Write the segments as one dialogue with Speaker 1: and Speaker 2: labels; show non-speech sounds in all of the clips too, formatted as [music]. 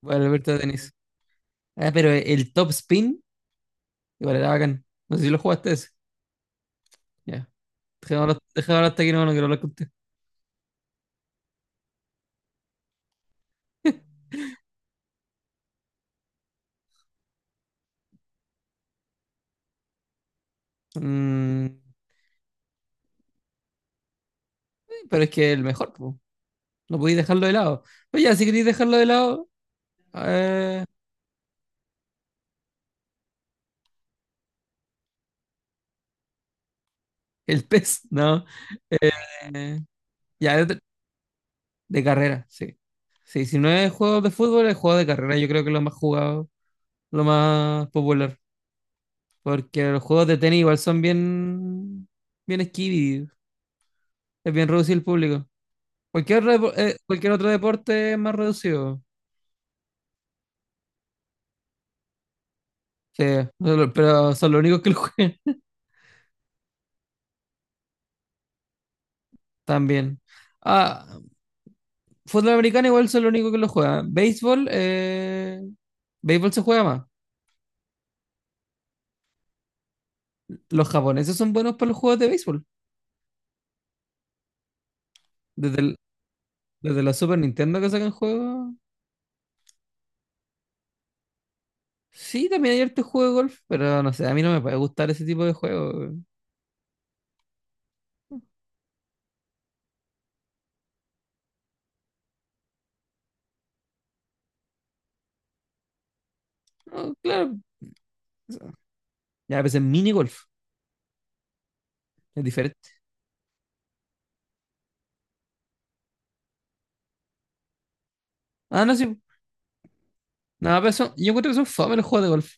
Speaker 1: Bueno, Alberto Tenis. Ah, pero el top spin, igual era bacán. No sé si lo jugaste ese. Ya. Dejémoslo, dejémoslo hasta aquí, no, no quiero hablar con usted. [laughs] Mm, sí, pero es que el mejor, po. No podéis dejarlo de lado. Pues ya, si queréis dejarlo de lado, eh, el pez, [laughs] no. Eh, ya, de carrera, sí. Sí, si no es juegos de fútbol, es juego de carrera. Yo creo que es lo más jugado, lo más popular. Porque los juegos de tenis igual son bien, bien esquivi. Es bien reducido el público. Cualquier otro deporte es más reducido. Sí, pero son los únicos que lo juegan [laughs] también. Ah, fútbol americano igual son los únicos que lo juegan. Béisbol se juega más. Los japoneses son buenos para los juegos de béisbol. Desde, el- desde la Super Nintendo que sacan juegos. Sí, también hay harto juego de golf, pero no sé, a mí no me puede gustar ese tipo de juego. No, claro, ya, a veces mini golf es diferente. Ah, no, sí. No, pero yo encuentro que son fome los juegos de golf.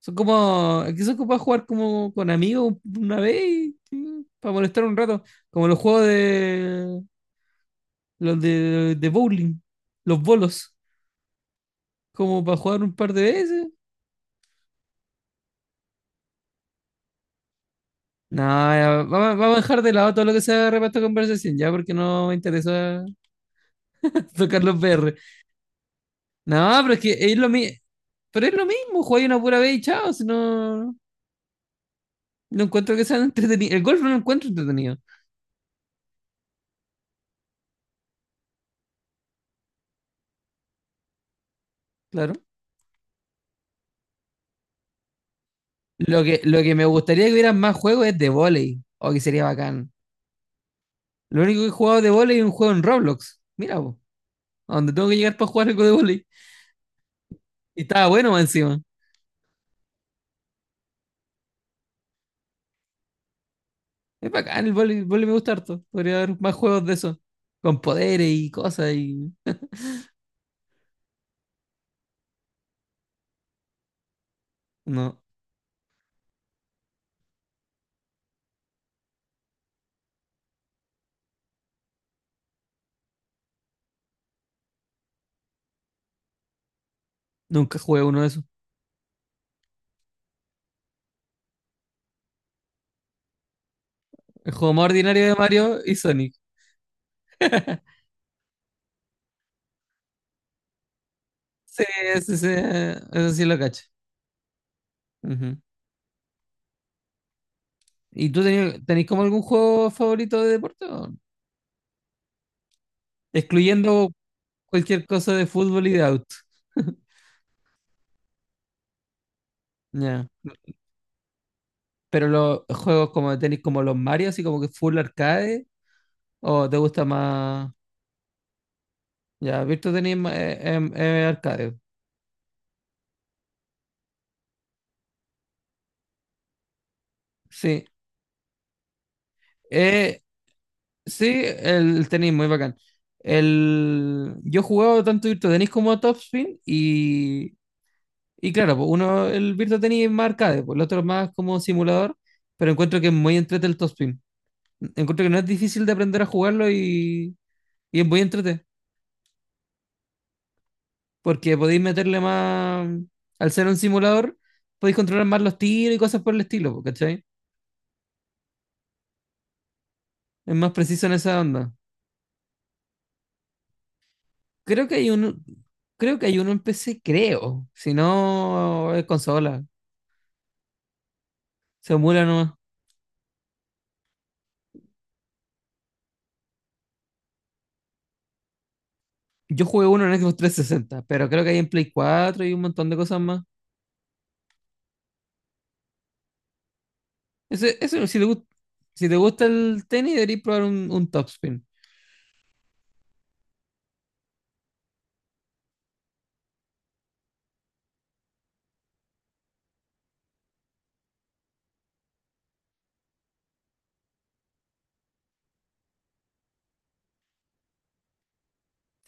Speaker 1: Son como, que son como para jugar como con amigos una vez y para molestar un rato. Como los juegos de los de bowling, los bolos, como para jugar un par de veces. No, ya, vamos a dejar de lado todo lo que sea reparto de conversación, ya porque no me interesa [laughs] tocar los BR. No, pero es que es lo mismo, pero es lo mismo, jugar una pura vez y chao, si no, no encuentro que sean entretenidos. El golf no lo encuentro entretenido, claro. Lo que me gustaría que hubieran más juegos es de volei, o que sería bacán. Lo único que he jugado de volei es un juego en Roblox. Mira, po, a donde tengo que llegar para jugar algo de volei. Y estaba bueno más encima. Es bacán, el volei, el vóley me gusta harto. Podría haber más juegos de eso. Con poderes y cosas y... No, nunca jugué uno de esos. El juego más ordinario de Mario y Sonic. [laughs] Sí, eso sí lo cacho. Ujú. ¿Y tú tenías, tenés como algún juego favorito de deporte, o no? Excluyendo cualquier cosa de fútbol y de auto. Ya. Pero los juegos como tenéis como los Mario, así como que full arcade. ¿O te gusta más? Ya, Virtua Tenis es arcade. Sí. Eh, sí, el tenis muy bacán. Yo he jugado tanto Virtua Tenis como Topspin y claro, pues uno, el Virtua Tenis es más arcade, pues el otro es más como simulador, pero encuentro que es muy entrete el Topspin. Encuentro que no es difícil de aprender a jugarlo y es muy entrete, porque podéis meterle más... Al ser un simulador, podéis controlar más los tiros y cosas por el estilo, pues, ¿cachai? Es más preciso en esa onda. Creo que hay uno, creo que hay uno en PC, creo. Si no, es consola. Se emula nomás. Yo jugué uno en Xbox 360, pero creo que hay en Play 4 y un montón de cosas más. Ese, eso si te gusta, si te gusta el tenis, deberías probar un topspin.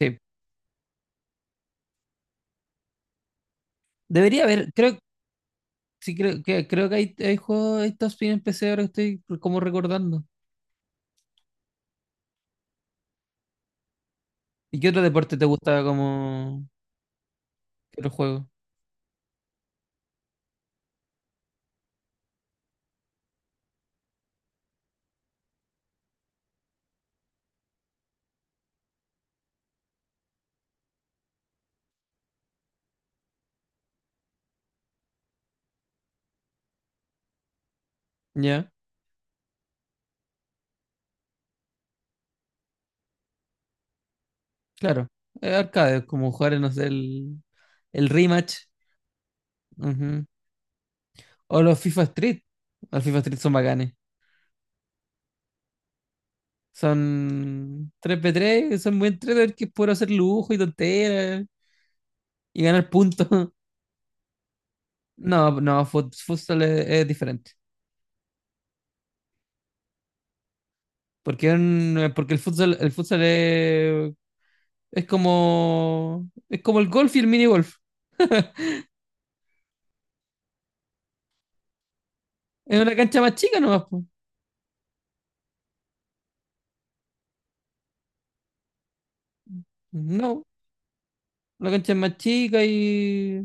Speaker 1: Sí. Debería haber, creo, sí, creo que hay juegos, hay topspin en PC ahora que estoy como recordando. ¿Y qué otro deporte te gusta como qué otro juego? Ya, claro. Arcade, como jugar, no sé, el rematch. Ujú. O los FIFA Street. Los FIFA Street son bacanes. V 3 son muy entretenidos que puedo hacer lujo y tonteras y ganar puntos. [laughs] No, no, futsal es diferente. Porque el futsal, es como el golf y el mini golf. Es una cancha más chica nomás, po. No, la cancha es más chica y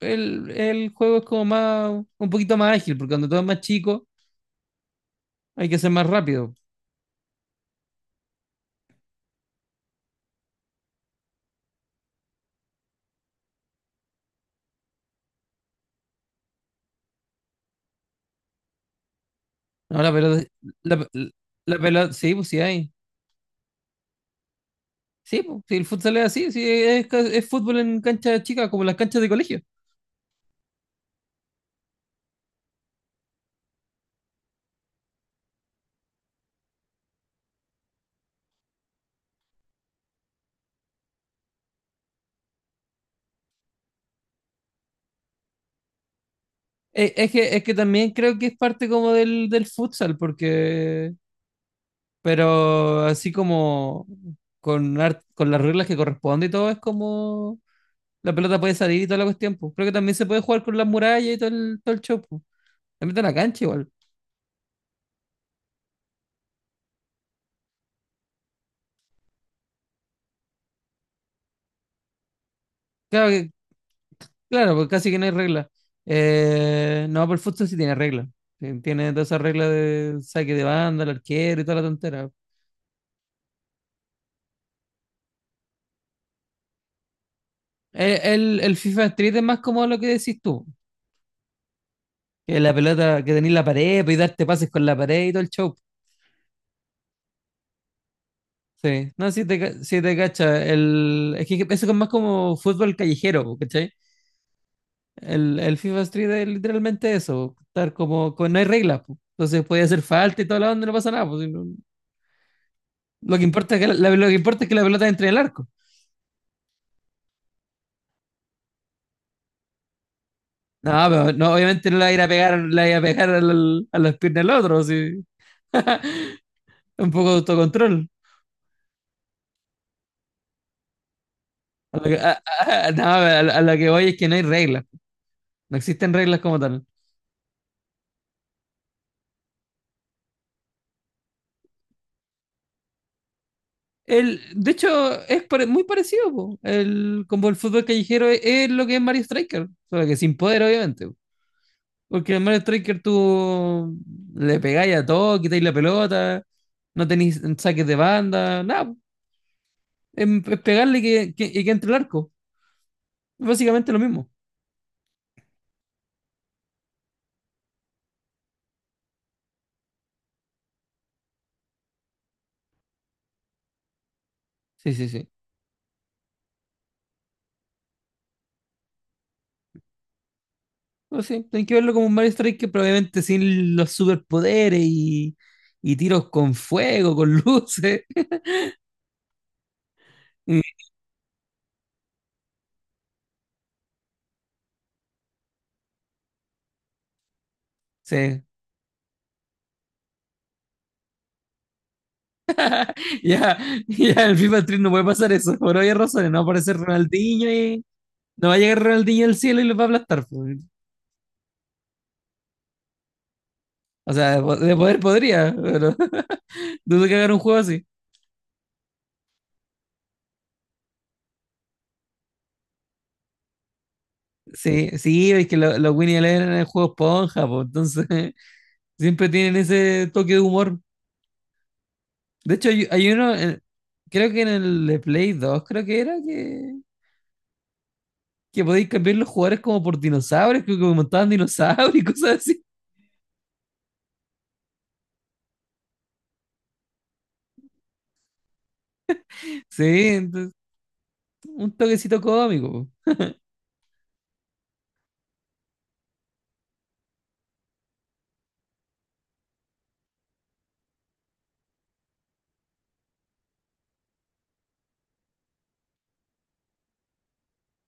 Speaker 1: el juego es como más un poquito más ágil, porque cuando todo es más chico hay que ser más rápido. No, la, la pelota, sí, pues sí hay. Sí, pues, sí, el futsal es así, sí, es fútbol en canchas chicas, como las canchas de colegio. Es que también creo que es parte como del futsal, pero así como con las reglas que corresponde y todo, es como la pelota puede salir y toda la cuestión, pues. Creo que también se puede jugar con las murallas y todo el show, pues. También está en la cancha igual. Claro, claro, porque casi que no hay regla. No, pero el futsal sí tiene regla. Sí, tiene todas esas reglas de saque de banda, el arquero y toda la tontera. El FIFA Street es más como lo que decís tú, que la pelota, que tenés la pared pues, y darte pases con la pared y todo el show. Sí, no, sí te cacha. Es que eso es más como fútbol callejero, po, ¿cachai? El FIFA Street es literalmente eso, po, estar como, con, no hay reglas, po. Entonces puede hacer falta y toda la onda y no pasa nada, po. Lo que importa es que la pelota entre en el arco. No, pero no, obviamente no la iba a pegar, la iba a pegar a las piernas del otro, sí. [laughs] Un poco de autocontrol. A lo que, a- no, a lo que voy es que no hay reglas. No existen reglas como tal. De hecho, es muy parecido, po. Como el fútbol callejero es lo que es Mario Striker, solo que sin poder, obviamente, po. Porque en Mario Striker tú le pegáis a todo, quitáis la pelota, no tenéis saques de banda, nada, po. Es pegarle que, y que entre el arco. Básicamente lo mismo. Sí, sí, sí. No, sí, tenés que verlo como un Mario Strike probablemente sin los superpoderes y tiros con fuego, con [laughs] luces. Mm, sí, ya, ya el FIFA Street no puede pasar eso, por obvias razones. No va a aparecer Ronaldinho y no va a llegar Ronaldinho al cielo y los va a aplastar, pues. O sea, de poder podría, pero [laughs] dudo que hagan un juego así. Sí, sí, es que los Winnie Eleven eran el juego esponja, pues, entonces [laughs] siempre tienen ese toque de humor. De hecho, hay uno, creo que en el de Play 2 creo que era que podéis cambiar los jugadores como por dinosaurios, que como montaban dinosaurios y cosas así. Sí, entonces, un toquecito cómico.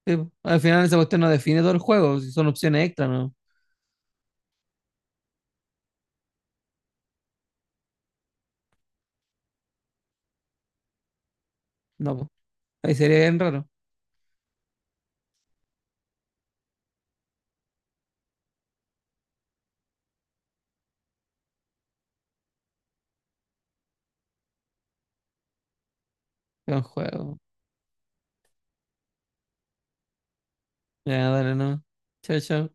Speaker 1: Sí, al final esa cuestión no define todo el juego, si son opciones extra, no. No, po, ahí sería bien raro. Buen juego. Ya, dale, no. Chao, chao.